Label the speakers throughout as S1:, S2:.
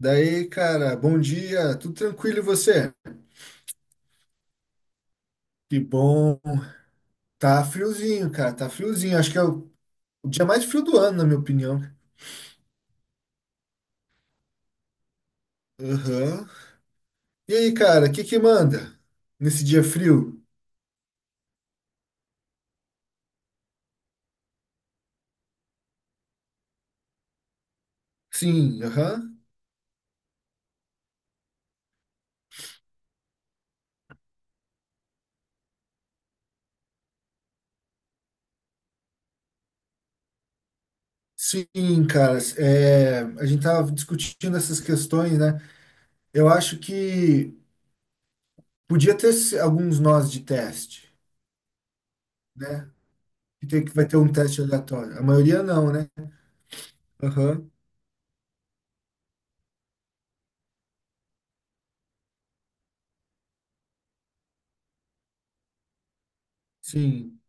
S1: Daí, cara, bom dia, tudo tranquilo e você? Que bom. Tá friozinho, cara, tá friozinho. Acho que é o dia mais frio do ano, na minha opinião. Aham. E aí, cara, o que que manda nesse dia frio? Sim, aham. Sim, cara, é, a gente tava discutindo essas questões, né? Eu acho que podia ter alguns nós de teste, né? Que tem que vai ter um teste aleatório. A maioria não, né? Aham. Sim,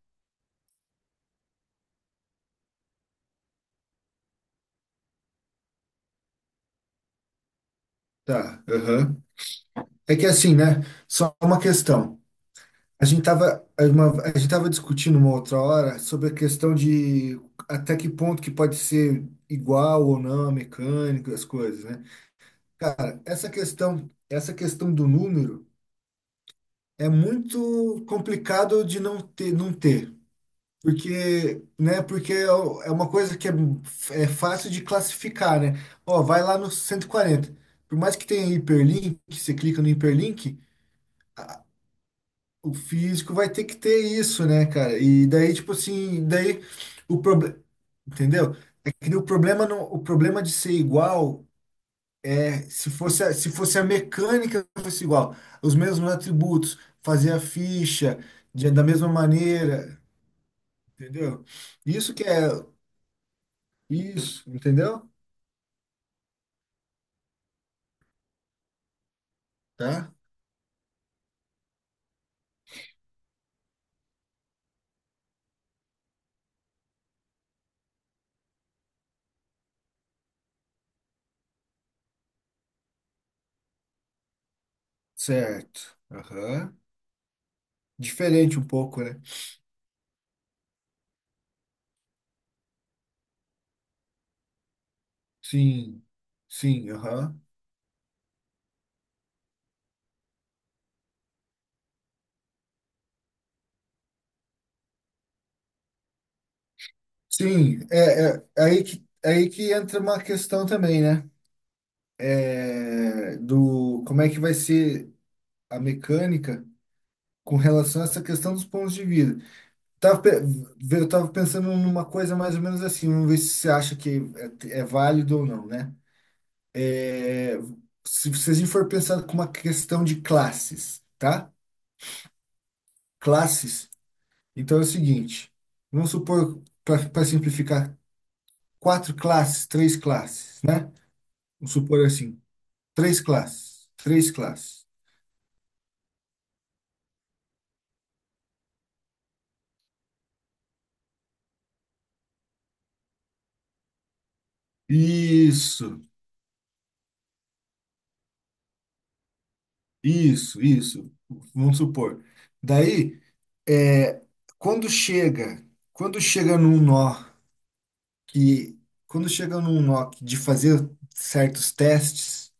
S1: tá. Aham. É que assim, né? Só uma questão. A gente tava discutindo uma outra hora sobre a questão de até que ponto que pode ser igual ou não a mecânica, as coisas, né? Cara, essa questão do número é muito complicado de não ter, não ter. Porque, né? Porque é uma coisa que é, é fácil de classificar, né? Ó, vai lá no 140. Por mais que tenha hiperlink, você clica no hiperlink. O físico vai ter que ter isso, né, cara? E daí, tipo assim, daí o problema, entendeu? É que o problema não, o problema de ser igual, é, se fosse a mecânica fosse igual, os mesmos atributos, fazer a ficha da mesma maneira, entendeu? Isso que é isso, entendeu? Tá? Certo. Aham. Diferente um pouco, né? Sim. Sim, aham. Sim, é aí que entra uma questão também, né? É, do como é que vai ser a mecânica com relação a essa questão dos pontos de vida. Tava, pe- eu tava pensando numa coisa mais ou menos assim, vamos ver se você acha que é válido ou não, né? É, se a gente for pensar com uma questão de classes, tá? Classes. Então é o seguinte, vamos supor, para simplificar, quatro classes, três classes, né? Vamos supor assim. Três classes. Três classes. Isso, isso, isso. Vamos supor. Daí, é, quando chega, quando chega num nó que, quando chega num nó que de fazer certos testes,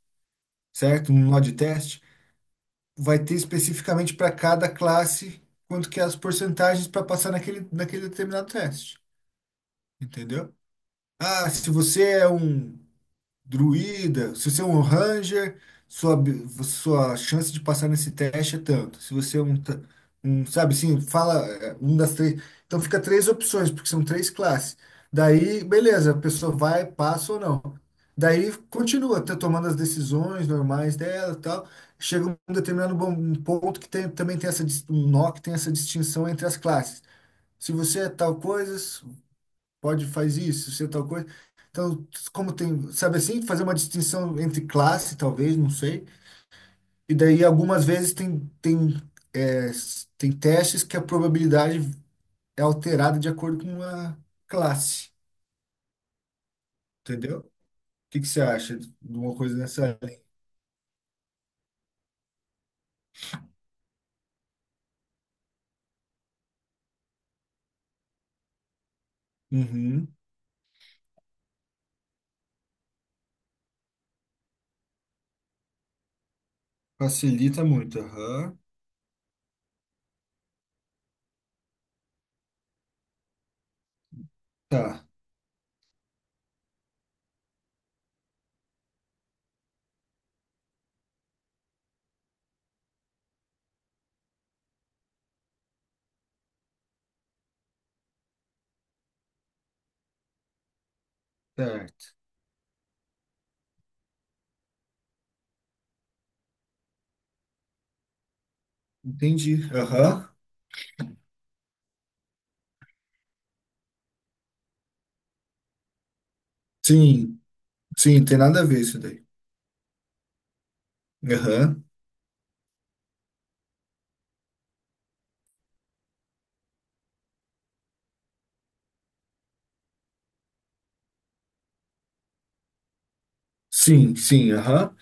S1: certo? Um nó de teste, vai ter especificamente para cada classe quanto que é as porcentagens para passar naquele determinado teste. Entendeu? Ah, se você é um druida, se você é um ranger, sua chance de passar nesse teste é tanto. Se você é um sabe assim, fala é, um das três. Então fica três opções, porque são três classes. Daí, beleza, a pessoa vai, passa ou não. Daí continua tá tomando as decisões normais dela, e tal. Chega um determinado um ponto que tem, também tem essa um nó que tem essa distinção entre as classes. Se você é tal coisa, pode fazer isso, ser tal coisa. Então, como tem, sabe assim, fazer uma distinção entre classe, talvez, não sei. E daí, algumas vezes, tem testes que a probabilidade é alterada de acordo com a classe, entendeu? O que que você acha de uma coisa nessa linha? Uhum. Facilita muito, aham. Tá, certo. Entendi. Aham. Sim, sim, tem nada a ver isso daí. Aham. Sim, sim, aham.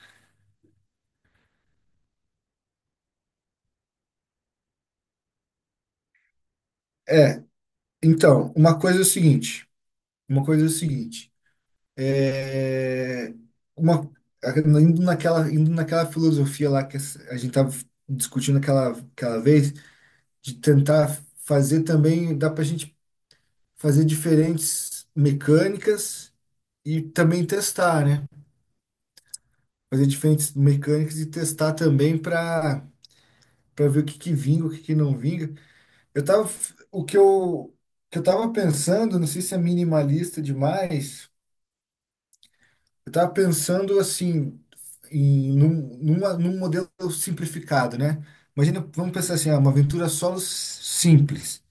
S1: É, então, uma coisa é o seguinte. Uma coisa é o seguinte, é, uma, indo naquela filosofia lá que a gente estava discutindo aquela vez, de tentar fazer também, dá para a gente fazer diferentes mecânicas e também testar, né? Fazer diferentes mecânicas e testar também para ver o que que vinga, o que que não vinga. Eu tava, o que eu tava pensando, não sei se é minimalista demais. Eu estava pensando assim num modelo simplificado, né? Imagina, vamos pensar assim, ah, uma aventura solo simples.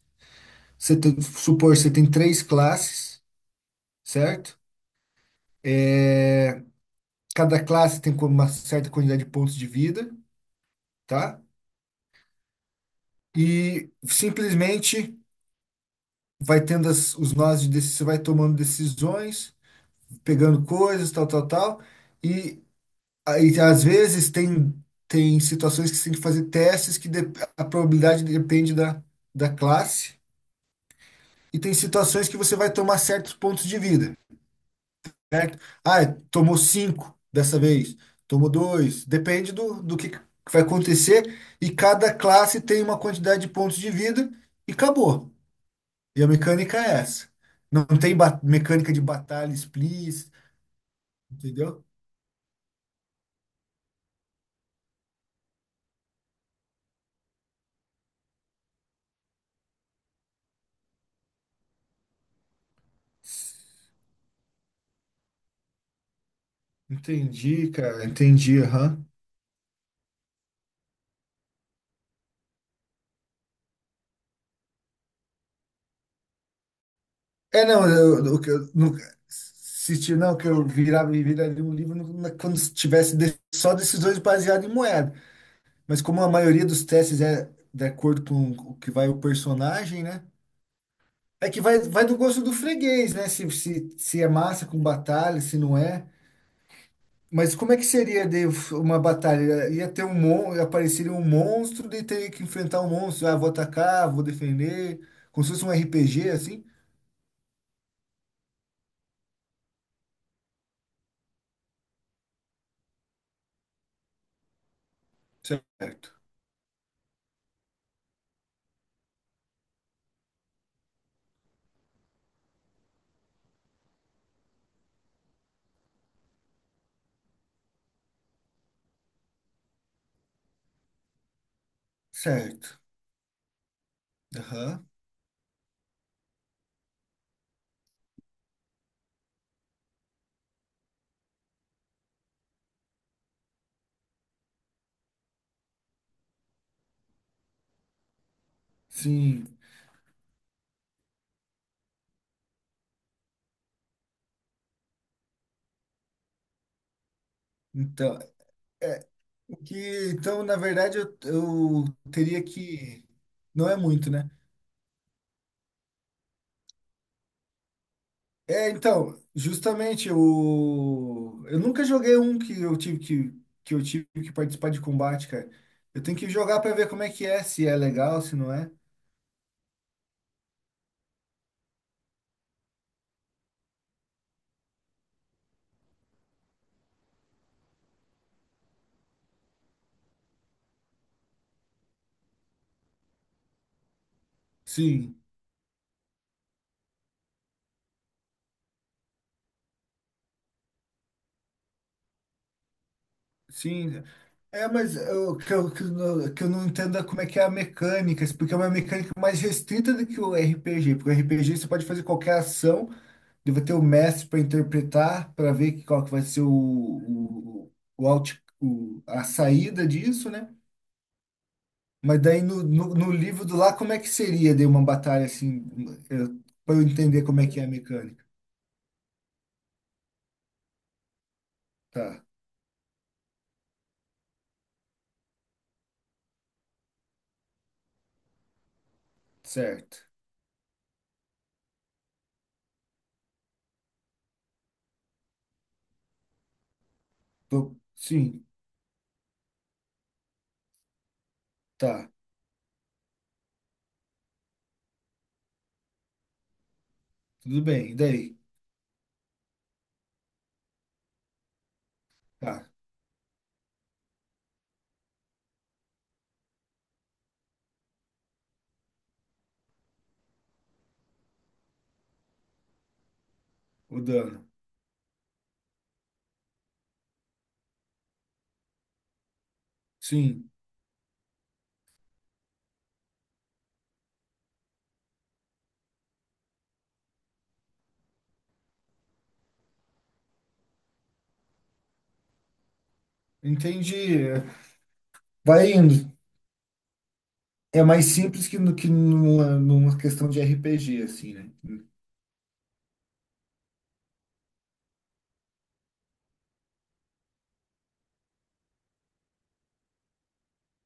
S1: Você tem três classes, certo? Cada classe tem uma certa quantidade de pontos de vida, tá? E simplesmente vai tendo os nós de decisão, você vai tomando decisões, pegando coisas, tal, tal, tal. Aí, às vezes, tem situações que você tem que fazer testes que a probabilidade depende da classe, e tem situações que você vai tomar certos pontos de vida, certo? Ah, tomou cinco dessa vez, tomou dois, depende do que vai acontecer, e cada classe tem uma quantidade de pontos de vida, e acabou. E a mecânica é essa. Não tem mecânica de batalha explícita, entendeu? Entendi, cara, entendi, aham. É, não, eu nunca. Se ti- Não, que eu virava e viraria um livro quando tivesse só decisões baseadas em moeda. Mas como a maioria dos testes é de acordo com o que vai o personagem, né? É que vai do gosto do freguês, né? Se é massa com batalha, se não é. Mas como é que seria de uma batalha? Ia ter um apareceria um monstro, daí teria que enfrentar um monstro. Ah, vou atacar, vou defender. Como se fosse um RPG, assim? Certo. Certo. Aham. Sim, então, é, o que, então, na verdade, eu teria que, não é muito, né? É, então, justamente, eu nunca joguei um que eu tive que participar de combate, cara. Eu tenho que jogar para ver como é que é, se é legal, se não é. Sim, sim. É, não que eu não entendo é como é que é a mecânica, porque é uma mecânica mais restrita do que o RPG, porque o RPG você pode fazer qualquer ação. Eu vou ter o mestre para interpretar, para ver qual que vai ser a saída disso, né? Mas daí no livro do lá, como é que seria de uma batalha assim, para eu entender como é que é a mecânica? Tá, certo. Sim, tá, tudo bem. E daí? Tá, o dano. Sim, entendi. Vai indo. É mais simples que, no, que numa, numa questão de RPG, assim, né?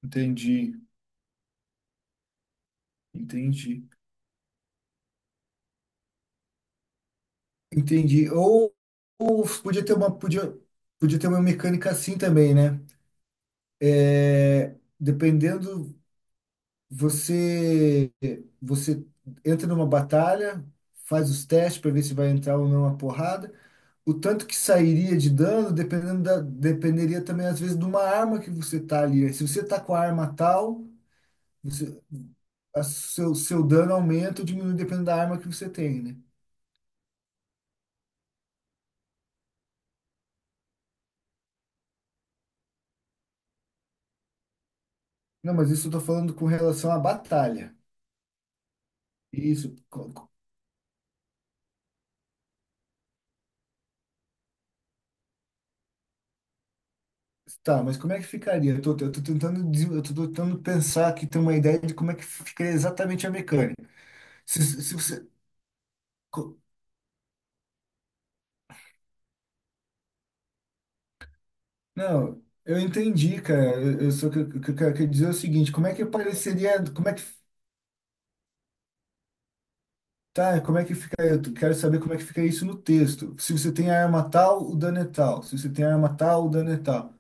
S1: Entendi, entendi. Entendi. Ou podia ter uma mecânica assim também, né? É, dependendo, você, você entra numa batalha, faz os testes para ver se vai entrar ou não a porrada. O tanto que sairia de dano, dependeria também, às vezes, de uma arma que você tá ali. Se você tá com a arma tal, você, seu dano aumenta ou diminui dependendo da arma que você tem, né? Não, mas isso eu tô falando com relação à batalha. Isso. Tá, mas como é que ficaria? Eu tô tentando, des- eu tô tentando pensar aqui, ter uma ideia de como é que ficaria exatamente a mecânica. Se, se se você. Co- Não, eu entendi, cara. Eu só que eu quero dizer é o seguinte, como é que apareceria, como é que. Tá, como é que fica? Eu quero saber como é que fica isso no texto. Se você tem a arma tal, o dano é tal. Se você tem a arma tal, o dano é tal.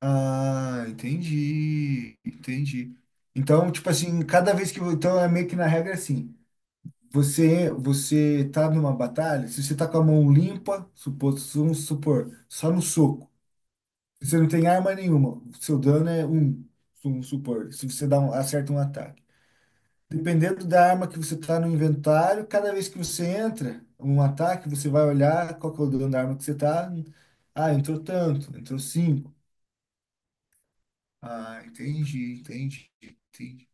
S1: Ah, entendi, entendi. Então, tipo assim, cada vez que. Eu- Então é meio que na regra assim. Você tá numa batalha, se você tá com a mão limpa, vamos supor, só no soco, você não tem arma nenhuma, seu dano é um, vamos supor, se você dá um, acerta um ataque. Dependendo da arma que você tá no inventário, cada vez que você entra um ataque, você vai olhar qual que é o dano da arma que você tá. Ah, entrou tanto, entrou cinco. Ah, entendi, entendi, entendi.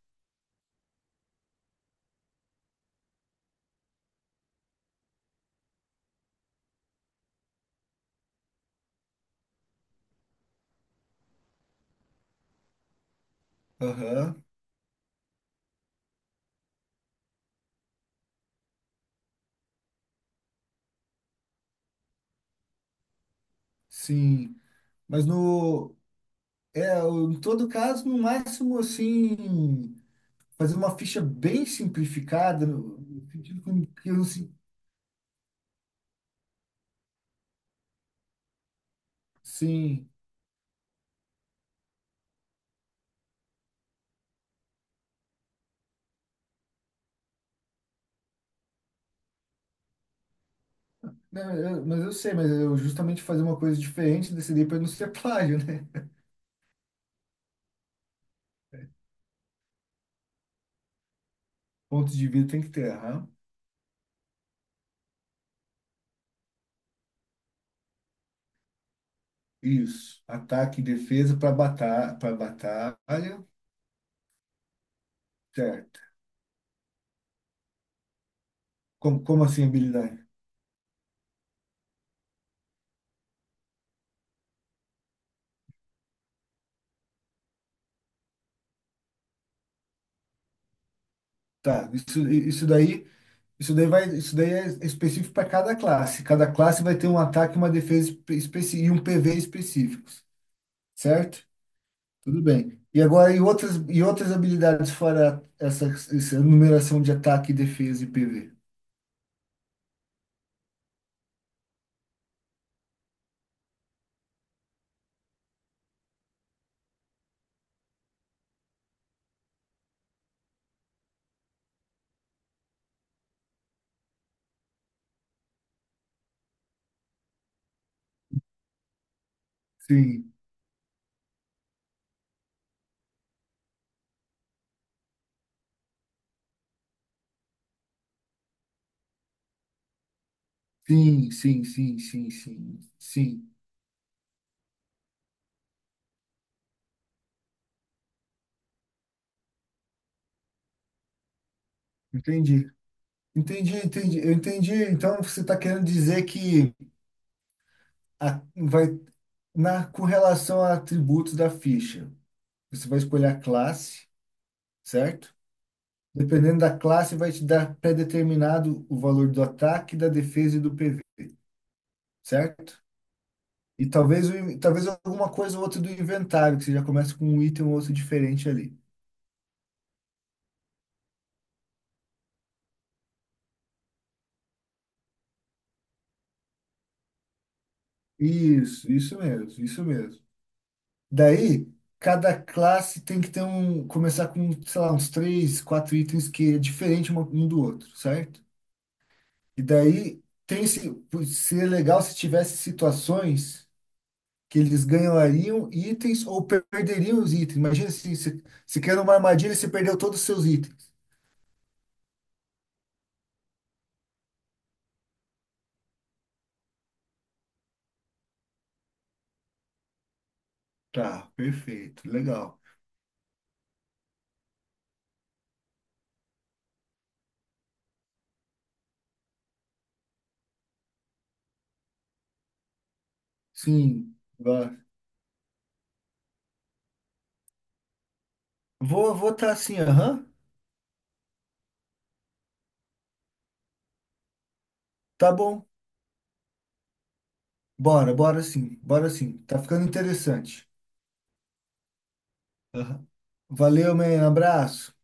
S1: Aham, sim. Mas no, em todo caso, no máximo, assim, fazer uma ficha bem simplificada, no sentido com que eu, assim, sim. Não, mas eu sei, mas eu justamente fazer uma coisa diferente, decidi para não ser plágio, né? Pontos de vida tem que ter, aham. Isso, ataque e defesa para batalha, certo. Como assim habilidade? Tá, isso daí é específico para cada classe. Cada classe vai ter um ataque e uma defesa e um PV específico. Certo? Tudo bem. E agora, e outras, habilidades fora essa numeração de ataque, defesa e PV? Sim, sim, sim, sim, sim, sim, sim. Entendi. Entendi, entendi. Eu entendi. Então, você está querendo dizer que a- vai, com relação a atributos da ficha, você vai escolher a classe, certo? Dependendo da classe, vai te dar pré-determinado o valor do ataque, da defesa e do PV, certo? E talvez, talvez alguma coisa ou outra do inventário, que você já começa com um item ou outro diferente ali. Isso mesmo, isso mesmo. Daí, cada classe tem que ter um, começar com, sei lá, uns 3, 4 itens que é diferente um do outro, certo? E daí, tem se, seria legal se tivesse situações que eles ganhariam itens ou perderiam os itens. Imagina assim, você, se quer uma armadilha e você perdeu todos os seus itens. Tá, perfeito, legal. Sim, vai. Vou tá assim, aham. Tá bom. Bora, bora sim, bora sim. Tá ficando interessante. Aham. Valeu, man. Abraço.